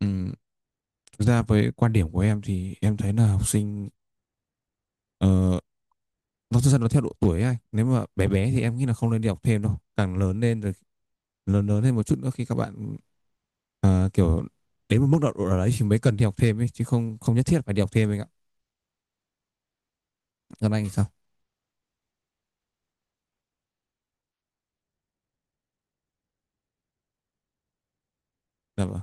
Ừm, thực ra với quan điểm của em thì em thấy là học sinh, ờ, nó thực ra nó theo độ tuổi ấy anh. Nếu mà bé bé thì em nghĩ là không nên đi học thêm đâu, càng lớn lên rồi lớn lớn lên một chút nữa, khi các bạn ờ, kiểu đến một mức độ độ nào đấy thì mới cần đi học thêm ấy, chứ không không nhất thiết phải đi học thêm anh ạ. Còn anh thì sao? Dạ vâng.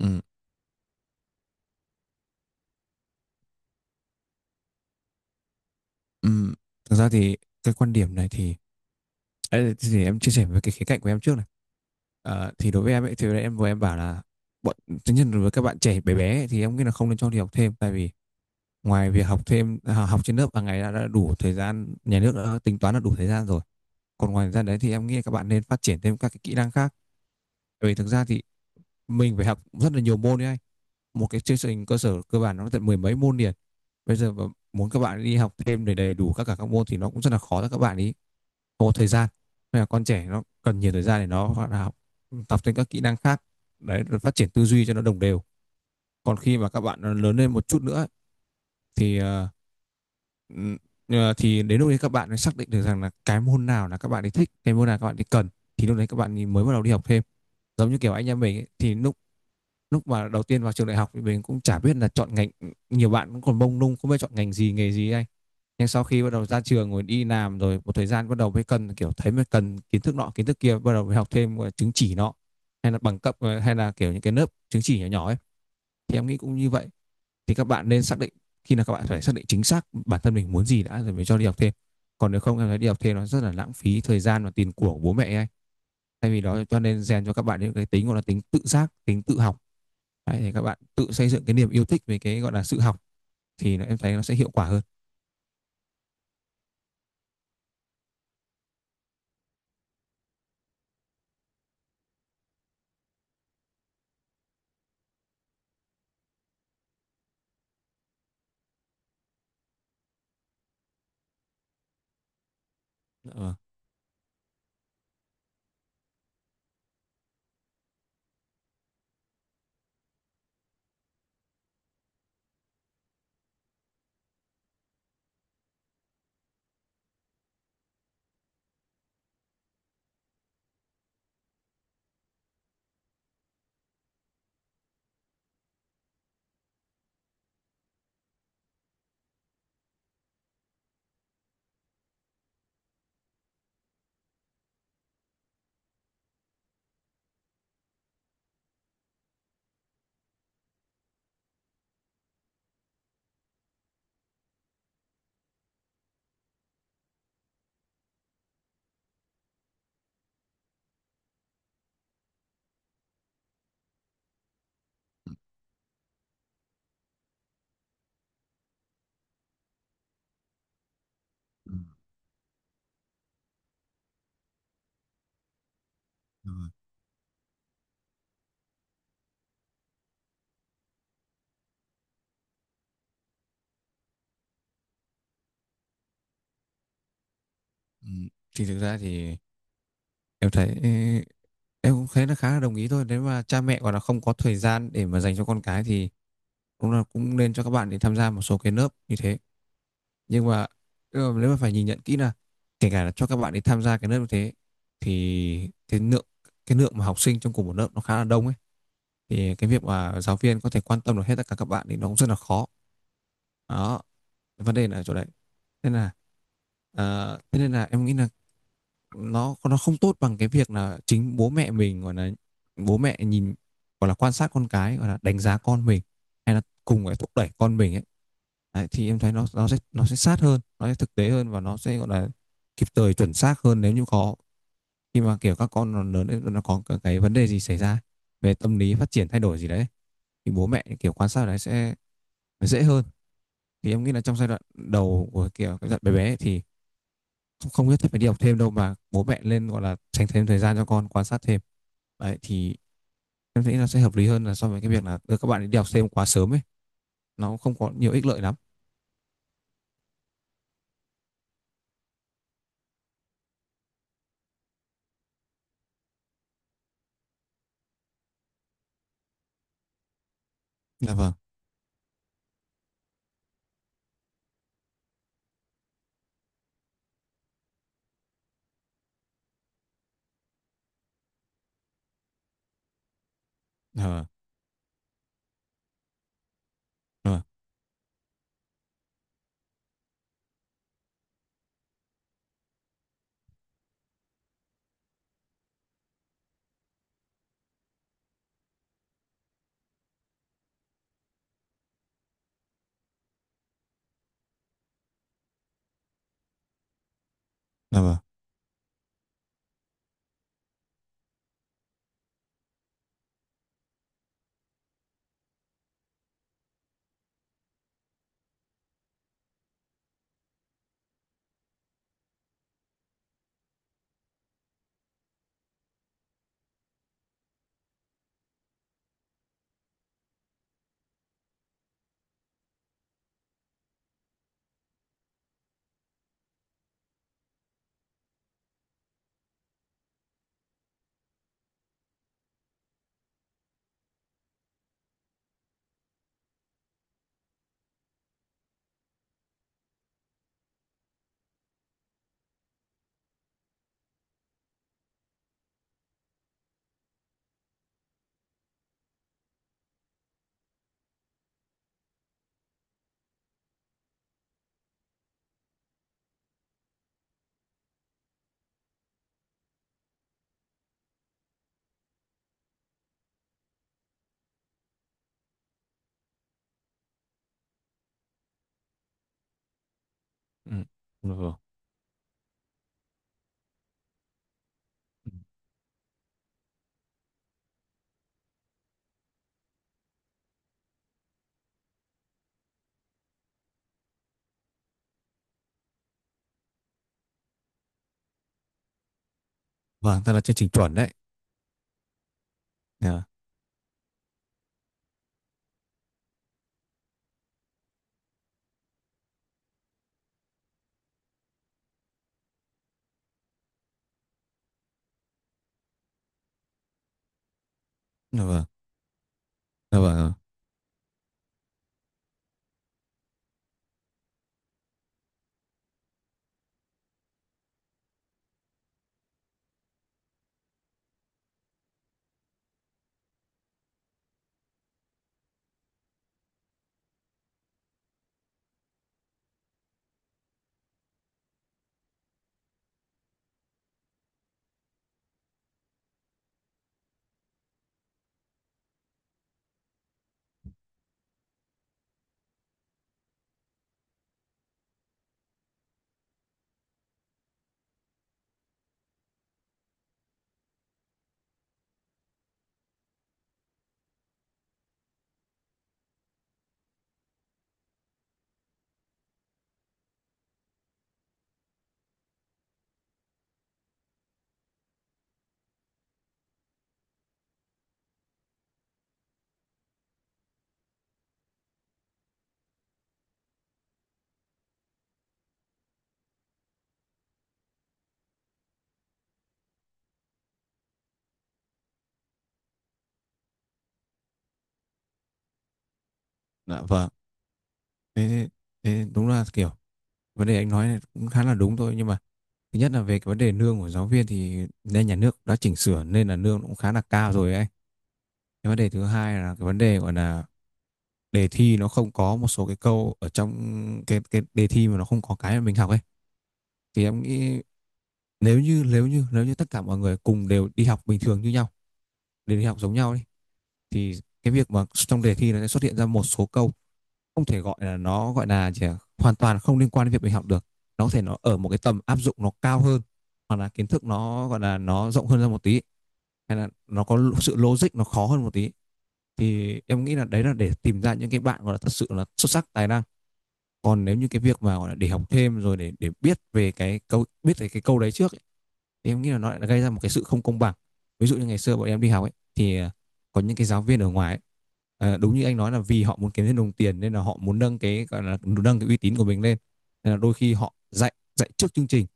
Ừm, ừm. Thực ra thì cái quan điểm này thì ấy, thì em chia sẻ với cái khía cạnh của em trước này. Ờ, thì đối với em ấy thì em vừa em bảo là bọn tất nhiên là với các bạn trẻ bé bé ấy, thì em nghĩ là không nên cho đi học thêm. Tại vì ngoài việc học thêm à, học trên lớp hàng ngày đã đủ thời gian, nhà nước đã tính toán là đủ thời gian rồi. Còn ngoài ra đấy thì em nghĩ các bạn nên phát triển thêm các cái kỹ năng khác. Bởi vì thực ra thì mình phải học rất là nhiều môn đấy anh. Một cái chương trình cơ sở cơ bản nó tận mười mấy môn liền. Bây giờ mà muốn các bạn đi học thêm để đầy đủ các cả các môn thì nó cũng rất là khó cho các bạn ý. Không có thời gian. Nên là con trẻ nó cần nhiều thời gian để nó gọi là học tập thêm các kỹ năng khác. Đấy, phát triển tư duy cho nó đồng đều. Còn khi mà các bạn lớn lên một chút nữa thì ờ, thì đến lúc đấy các bạn mới xác định được rằng là cái môn nào là các bạn ấy thích, cái môn nào các bạn ấy cần, thì lúc đấy các bạn ấy mới bắt đầu đi học thêm. Giống như kiểu anh em mình ấy, thì lúc lúc mà đầu tiên vào trường đại học thì mình cũng chả biết là chọn ngành, nhiều bạn cũng còn mông lung không biết chọn ngành gì nghề gì ấy anh. Nhưng sau khi bắt đầu ra trường rồi đi làm rồi một thời gian, bắt đầu mới cần kiểu thấy mới cần kiến thức nọ kiến thức kia, bắt đầu mới học thêm gọi là chứng chỉ nọ hay là bằng cấp, hay là kiểu những cái lớp chứng chỉ nhỏ nhỏ ấy, thì em nghĩ cũng như vậy. Thì các bạn nên xác định, khi nào các bạn phải xác định chính xác bản thân mình muốn gì đã rồi mới cho đi học thêm. Còn nếu không em thấy đi học thêm nó rất là lãng phí thời gian và tiền của bố mẹ ấy. Thay vì đó cho nên rèn cho các bạn những cái tính gọi là tính tự giác, tính tự học. Đấy, thì các bạn tự xây dựng cái niềm yêu thích về cái gọi là sự học, thì nó, em thấy nó sẽ hiệu quả hơn. Ờ. Ừ. Ừ. Thì thực ra thì em thấy em cũng thấy nó khá là đồng ý thôi. Nếu mà cha mẹ còn là không có thời gian để mà dành cho con cái thì cũng là cũng nên cho các bạn để tham gia một số cái lớp như thế. nhưng mà nhưng mà nếu mà phải nhìn nhận kỹ là kể cả là cho các bạn đi tham gia cái lớp như thế, thì cái lượng mà học sinh trong cùng một lớp nó khá là đông ấy, thì cái việc mà giáo viên có thể quan tâm được hết tất cả các bạn thì nó cũng rất là khó. Đó, vấn đề là ở chỗ đấy. Nên là thế nên là em nghĩ là nó không tốt bằng cái việc là chính bố mẹ mình gọi là, bố mẹ nhìn gọi là quan sát con cái, gọi là đánh giá con mình, hay là cùng phải thúc đẩy con mình ấy. Đấy, thì em thấy nó sẽ sát hơn, nó sẽ thực tế hơn, và nó sẽ gọi là kịp thời chuẩn xác hơn nếu như có khi mà kiểu các con nó lớn lên nó có cái vấn đề gì xảy ra về tâm lý phát triển thay đổi gì đấy, thì bố mẹ kiểu quan sát đấy sẽ dễ hơn. Thì em nghĩ là trong giai đoạn đầu của kiểu cái giai đoạn bé bé ấy thì không, không biết phải đi học thêm đâu mà bố mẹ lên gọi là dành thêm thời gian cho con, quan sát thêm. Đấy, thì em nghĩ là sẽ hợp lý hơn là so với cái việc là đưa các bạn ấy đi học thêm quá sớm ấy, nó không có nhiều ích lợi lắm. Dạ vâng. Dạ vâng. Dạ vâng. Dạ vâng. Ừ. Dạ vâng. Ừ. Vâng, thật là chương trình chuẩn đấy. Dạ. Dạ vâng. Dạ vâng. Dạ vâng. Thế, thế, thế đúng là kiểu vấn đề anh nói này cũng khá là đúng thôi, nhưng mà thứ nhất là về cái vấn đề lương của giáo viên thì nên nhà nước đã chỉnh sửa nên là lương cũng khá là cao rồi ấy. Cái vấn đề thứ hai là cái vấn đề gọi là đề thi nó không có một số cái câu ở trong cái đề thi mà nó không có cái mà mình học ấy. Thì em nghĩ, nếu như tất cả mọi người cùng đều đi học bình thường như nhau, đều đi học giống nhau đi, thì cái việc mà trong đề thi nó sẽ xuất hiện ra một số câu không thể gọi là, nó gọi là chỉ là hoàn toàn không liên quan đến việc mình học được, nó có thể nó ở một cái tầm áp dụng nó cao hơn, hoặc là kiến thức nó gọi là nó rộng hơn ra một tí, hay là nó có sự logic nó khó hơn một tí, thì em nghĩ là đấy là để tìm ra những cái bạn gọi là thật sự là xuất sắc tài năng. Còn nếu như cái việc mà gọi là để học thêm rồi để biết về cái câu đấy trước ấy, thì em nghĩ là nó lại gây ra một cái sự không công bằng. Ví dụ như ngày xưa bọn em đi học ấy thì có những cái giáo viên ở ngoài ấy, à, đúng như anh nói là vì họ muốn kiếm thêm đồng tiền nên là họ muốn nâng cái gọi là nâng cái uy tín của mình lên, nên là đôi khi họ dạy dạy trước chương trình,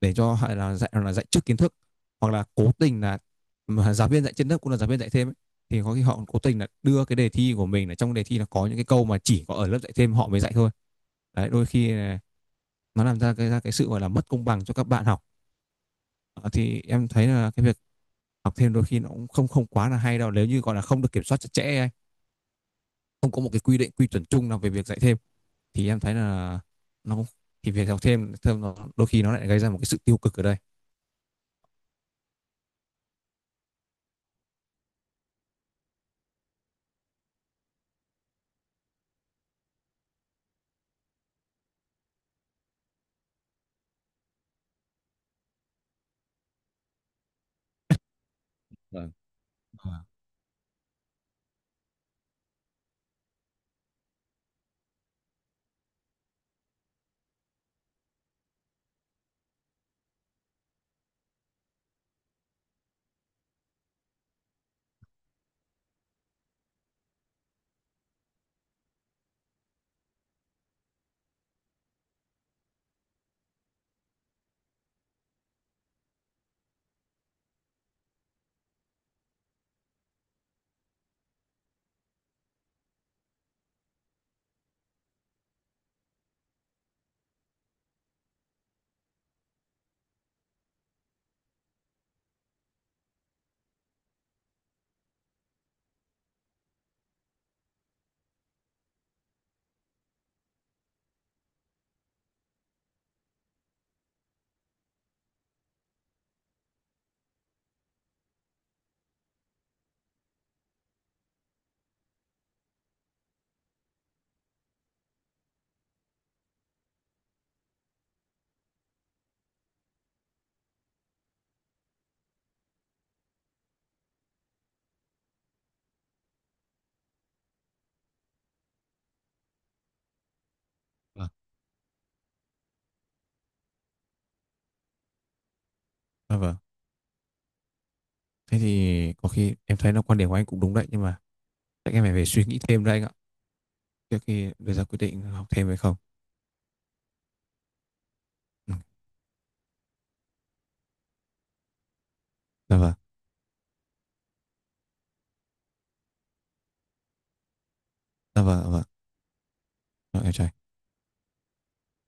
để cho hay là dạy trước kiến thức, hoặc là cố tình là giáo viên dạy trên lớp cũng là giáo viên dạy thêm ấy. Thì có khi họ cố tình là đưa cái đề thi của mình là trong đề thi là có những cái câu mà chỉ có ở lớp dạy thêm họ mới dạy thôi. Đấy, đôi khi nó làm ra cái sự gọi là mất công bằng cho các bạn học. Ờ, thì em thấy là cái việc học thêm đôi khi nó cũng không không quá là hay đâu nếu như gọi là không được kiểm soát chặt chẽ, không có một cái quy định quy chuẩn chung nào về việc dạy thêm, thì em thấy là nó thì việc học thêm thêm nó đôi khi nó lại gây ra một cái sự tiêu cực ở đây. Vâng. Ờ. Ờ, à, vâng. Thế thì có khi em thấy là quan điểm của anh cũng đúng đấy, nhưng mà chắc em phải về suy nghĩ thêm đấy anh ạ, trước khi đưa ra quyết định học thêm hay không. Ừ. Dạ vâng, dạ vâng, dạ vâng. Rồi, em chào anh.